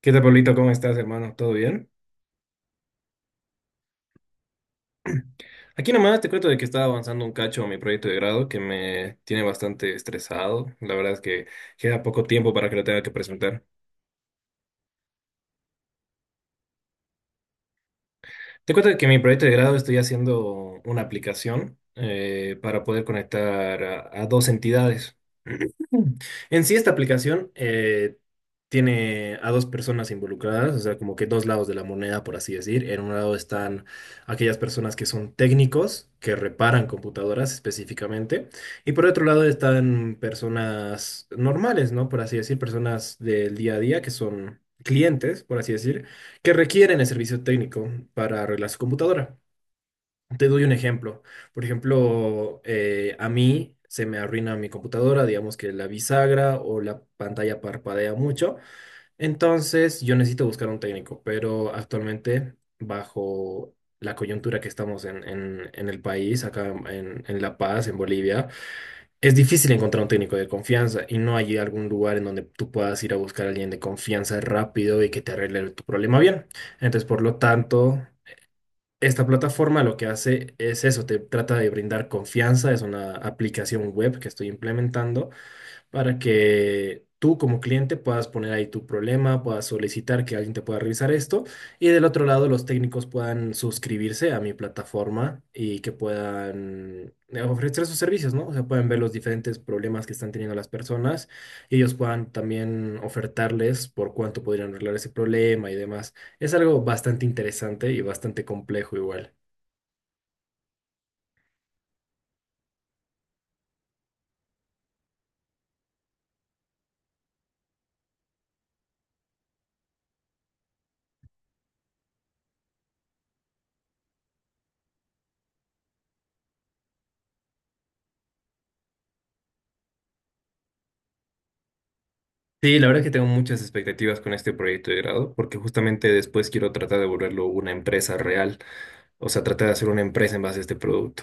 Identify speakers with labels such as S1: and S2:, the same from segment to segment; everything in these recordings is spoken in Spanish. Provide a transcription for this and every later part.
S1: ¿Qué tal, Pablito? ¿Cómo estás, hermano? ¿Todo bien? Aquí nomás te cuento de que estaba avanzando un cacho a mi proyecto de grado que me tiene bastante estresado. La verdad es que queda poco tiempo para que lo tenga que presentar. Te cuento de que mi proyecto de grado estoy haciendo una aplicación para poder conectar a dos entidades. En sí, esta aplicación tiene a dos personas involucradas, o sea, como que dos lados de la moneda, por así decir. En un lado están aquellas personas que son técnicos, que reparan computadoras específicamente, y por otro lado están personas normales, ¿no? Por así decir, personas del día a día que son clientes, por así decir, que requieren el servicio técnico para arreglar su computadora. Te doy un ejemplo. Por ejemplo, a mí se me arruina mi computadora, digamos que la bisagra o la pantalla parpadea mucho. Entonces, yo necesito buscar un técnico, pero actualmente, bajo la coyuntura que estamos en el país, acá en La Paz, en Bolivia, es difícil encontrar un técnico de confianza y no hay algún lugar en donde tú puedas ir a buscar a alguien de confianza rápido y que te arregle tu problema bien. Entonces, por lo tanto... Esta plataforma lo que hace es eso, te trata de brindar confianza, es una aplicación web que estoy implementando para que tú como cliente puedas poner ahí tu problema, puedas solicitar que alguien te pueda revisar esto y del otro lado los técnicos puedan suscribirse a mi plataforma y que puedan ofrecer sus servicios, ¿no? O sea, pueden ver los diferentes problemas que están teniendo las personas y ellos puedan también ofertarles por cuánto podrían arreglar ese problema y demás. Es algo bastante interesante y bastante complejo igual. Sí, la verdad que tengo muchas expectativas con este proyecto de grado, porque justamente después quiero tratar de volverlo una empresa real. O sea, traté de hacer una empresa en base a este producto.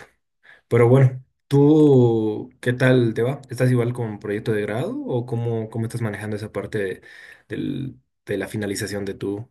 S1: Pero bueno, ¿tú qué tal te va? ¿Estás igual con proyecto de grado o cómo, cómo estás manejando esa parte del- de la finalización de tu...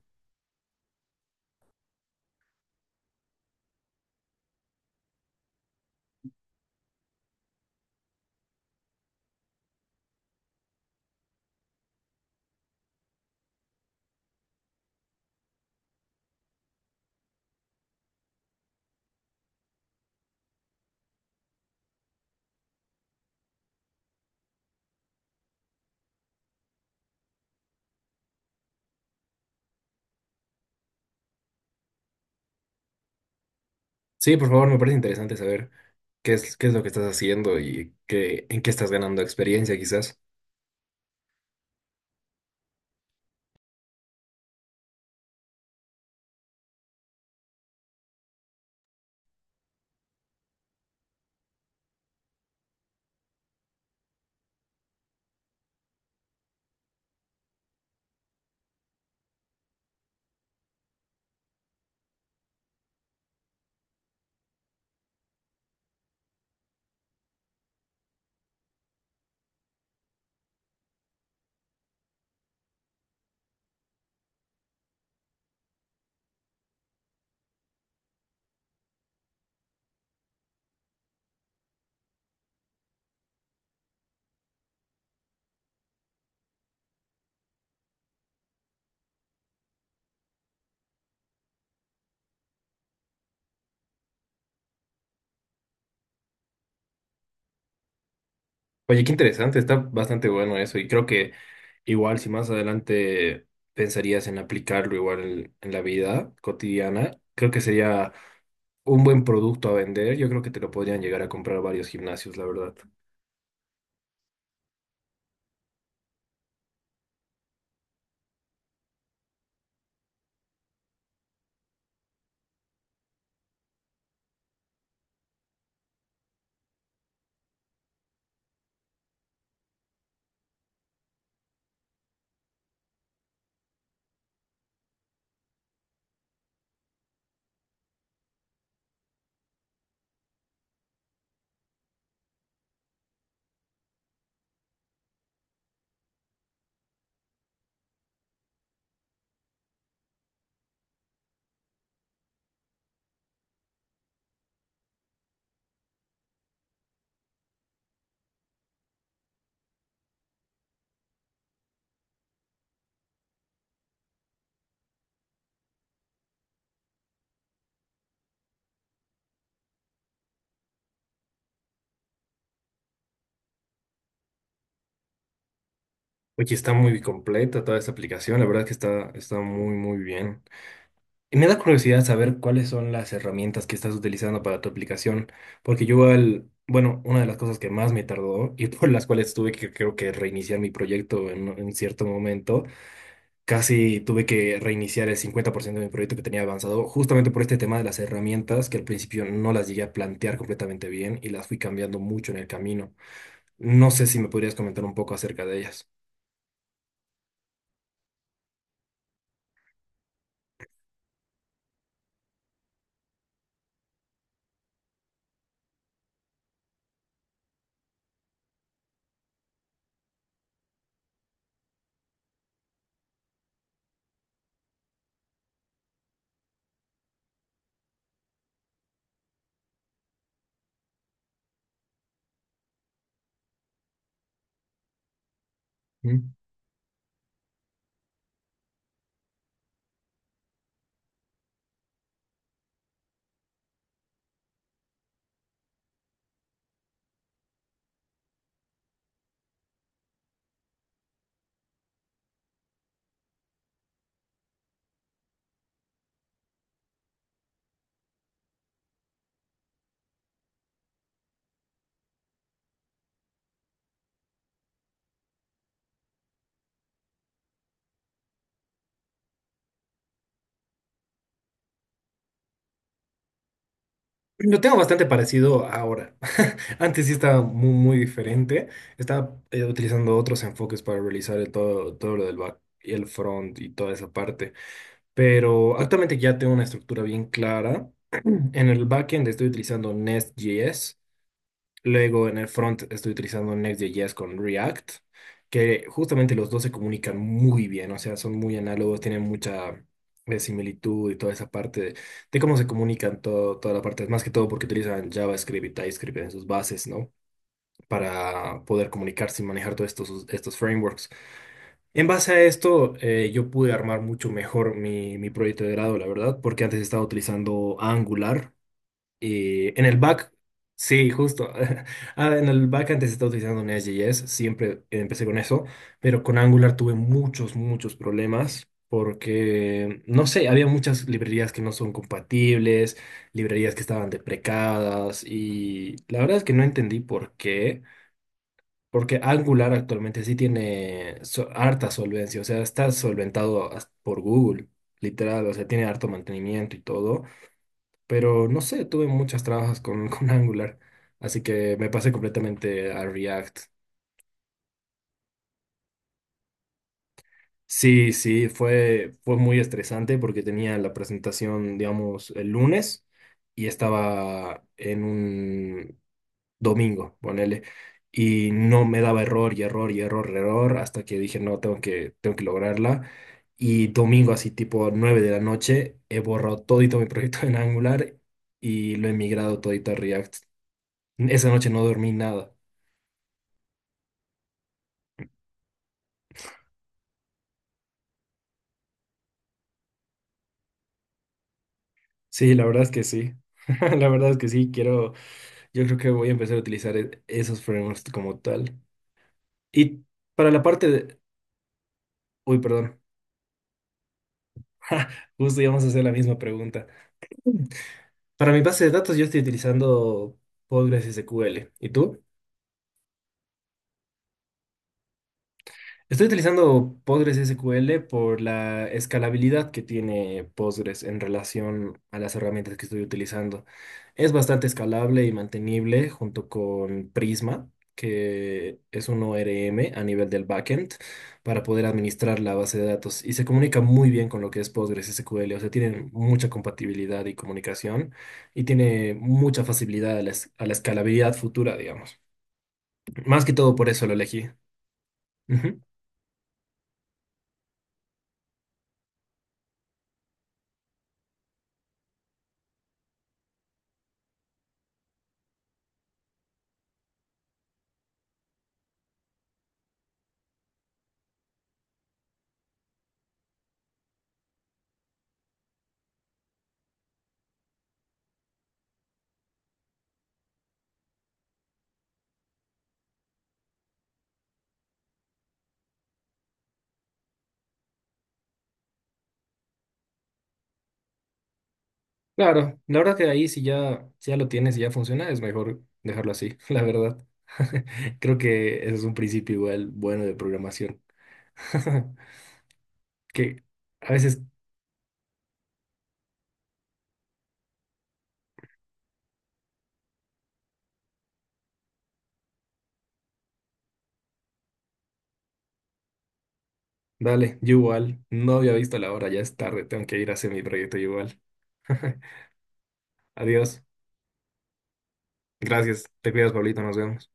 S1: Sí, por favor, me parece interesante saber qué es lo que estás haciendo y qué, en qué estás ganando experiencia quizás. Oye, qué interesante, está bastante bueno eso y creo que igual si más adelante pensarías en aplicarlo igual en la vida cotidiana, creo que sería un buen producto a vender, yo creo que te lo podrían llegar a comprar varios gimnasios, la verdad. Oye, está muy completa toda esta aplicación, la verdad que está, está muy, muy bien. Y me da curiosidad saber cuáles son las herramientas que estás utilizando para tu aplicación, porque yo al, bueno, una de las cosas que más me tardó y por las cuales tuve que, creo que reiniciar mi proyecto en cierto momento, casi tuve que reiniciar el 50% de mi proyecto que tenía avanzado, justamente por este tema de las herramientas que al principio no las llegué a plantear completamente bien y las fui cambiando mucho en el camino. No sé si me podrías comentar un poco acerca de ellas. ¿Mm? Lo tengo bastante parecido ahora. Antes sí estaba muy, muy diferente. Estaba utilizando otros enfoques para realizar el todo, todo lo del back y el front y toda esa parte. Pero actualmente ya tengo una estructura bien clara. En el backend estoy utilizando Nest.js. Luego en el front estoy utilizando Next.js con React, que justamente los dos se comunican muy bien, o sea, son muy análogos, tienen mucha similitud y toda esa parte de cómo se comunican todo, toda la parte, más que todo porque utilizan JavaScript y TypeScript en sus bases, ¿no? Para poder comunicarse y manejar todos estos, estos frameworks. En base a esto, yo pude armar mucho mejor mi, mi proyecto de grado, la verdad, porque antes estaba utilizando Angular y en el back, sí, justo. Ah, en el back antes estaba utilizando Nest.js, siempre empecé con eso, pero con Angular tuve muchos, muchos problemas porque, no sé, había muchas librerías que no son compatibles, librerías que estaban deprecadas y la verdad es que no entendí por qué, porque Angular actualmente sí tiene harta solvencia, o sea, está solventado hasta por Google, literal, o sea, tiene harto mantenimiento y todo. Pero no sé, tuve muchas trabas con, con Angular, así que me pasé completamente a React. Sí, sí, fue, fue muy estresante porque tenía la presentación, digamos, el lunes y estaba en un domingo, ponele, y no me daba error y error y error, error, hasta que dije, no, tengo que lograrla. Y domingo, así tipo 9 de la noche, he borrado todito mi proyecto en Angular y lo he migrado todito a React. Esa noche no dormí nada. Sí, la verdad es que sí. La verdad es que sí, quiero, yo creo que voy a empezar a utilizar esos frameworks como tal. Y para la parte de... Uy, perdón. Justo íbamos a hacer la misma pregunta. Para mi base de datos yo estoy utilizando Postgres SQL. ¿Y tú? Estoy utilizando Postgres SQL por la escalabilidad que tiene Postgres en relación a las herramientas que estoy utilizando. Es bastante escalable y mantenible junto con Prisma, que es un ORM a nivel del backend para poder administrar la base de datos y se comunica muy bien con lo que es Postgres SQL, o sea, tienen mucha compatibilidad y comunicación y tiene mucha facilidad a a la escalabilidad futura, digamos. Más que todo por eso lo elegí. Claro, la verdad que ahí si ya lo tienes y ya funciona, es mejor dejarlo así, la verdad. Creo que ese es un principio igual bueno de programación. Que a veces, dale, yo igual, no había visto la hora, ya es tarde, tengo que ir a hacer mi proyecto igual. Adiós. Gracias. Te cuidas, Pablito, nos vemos.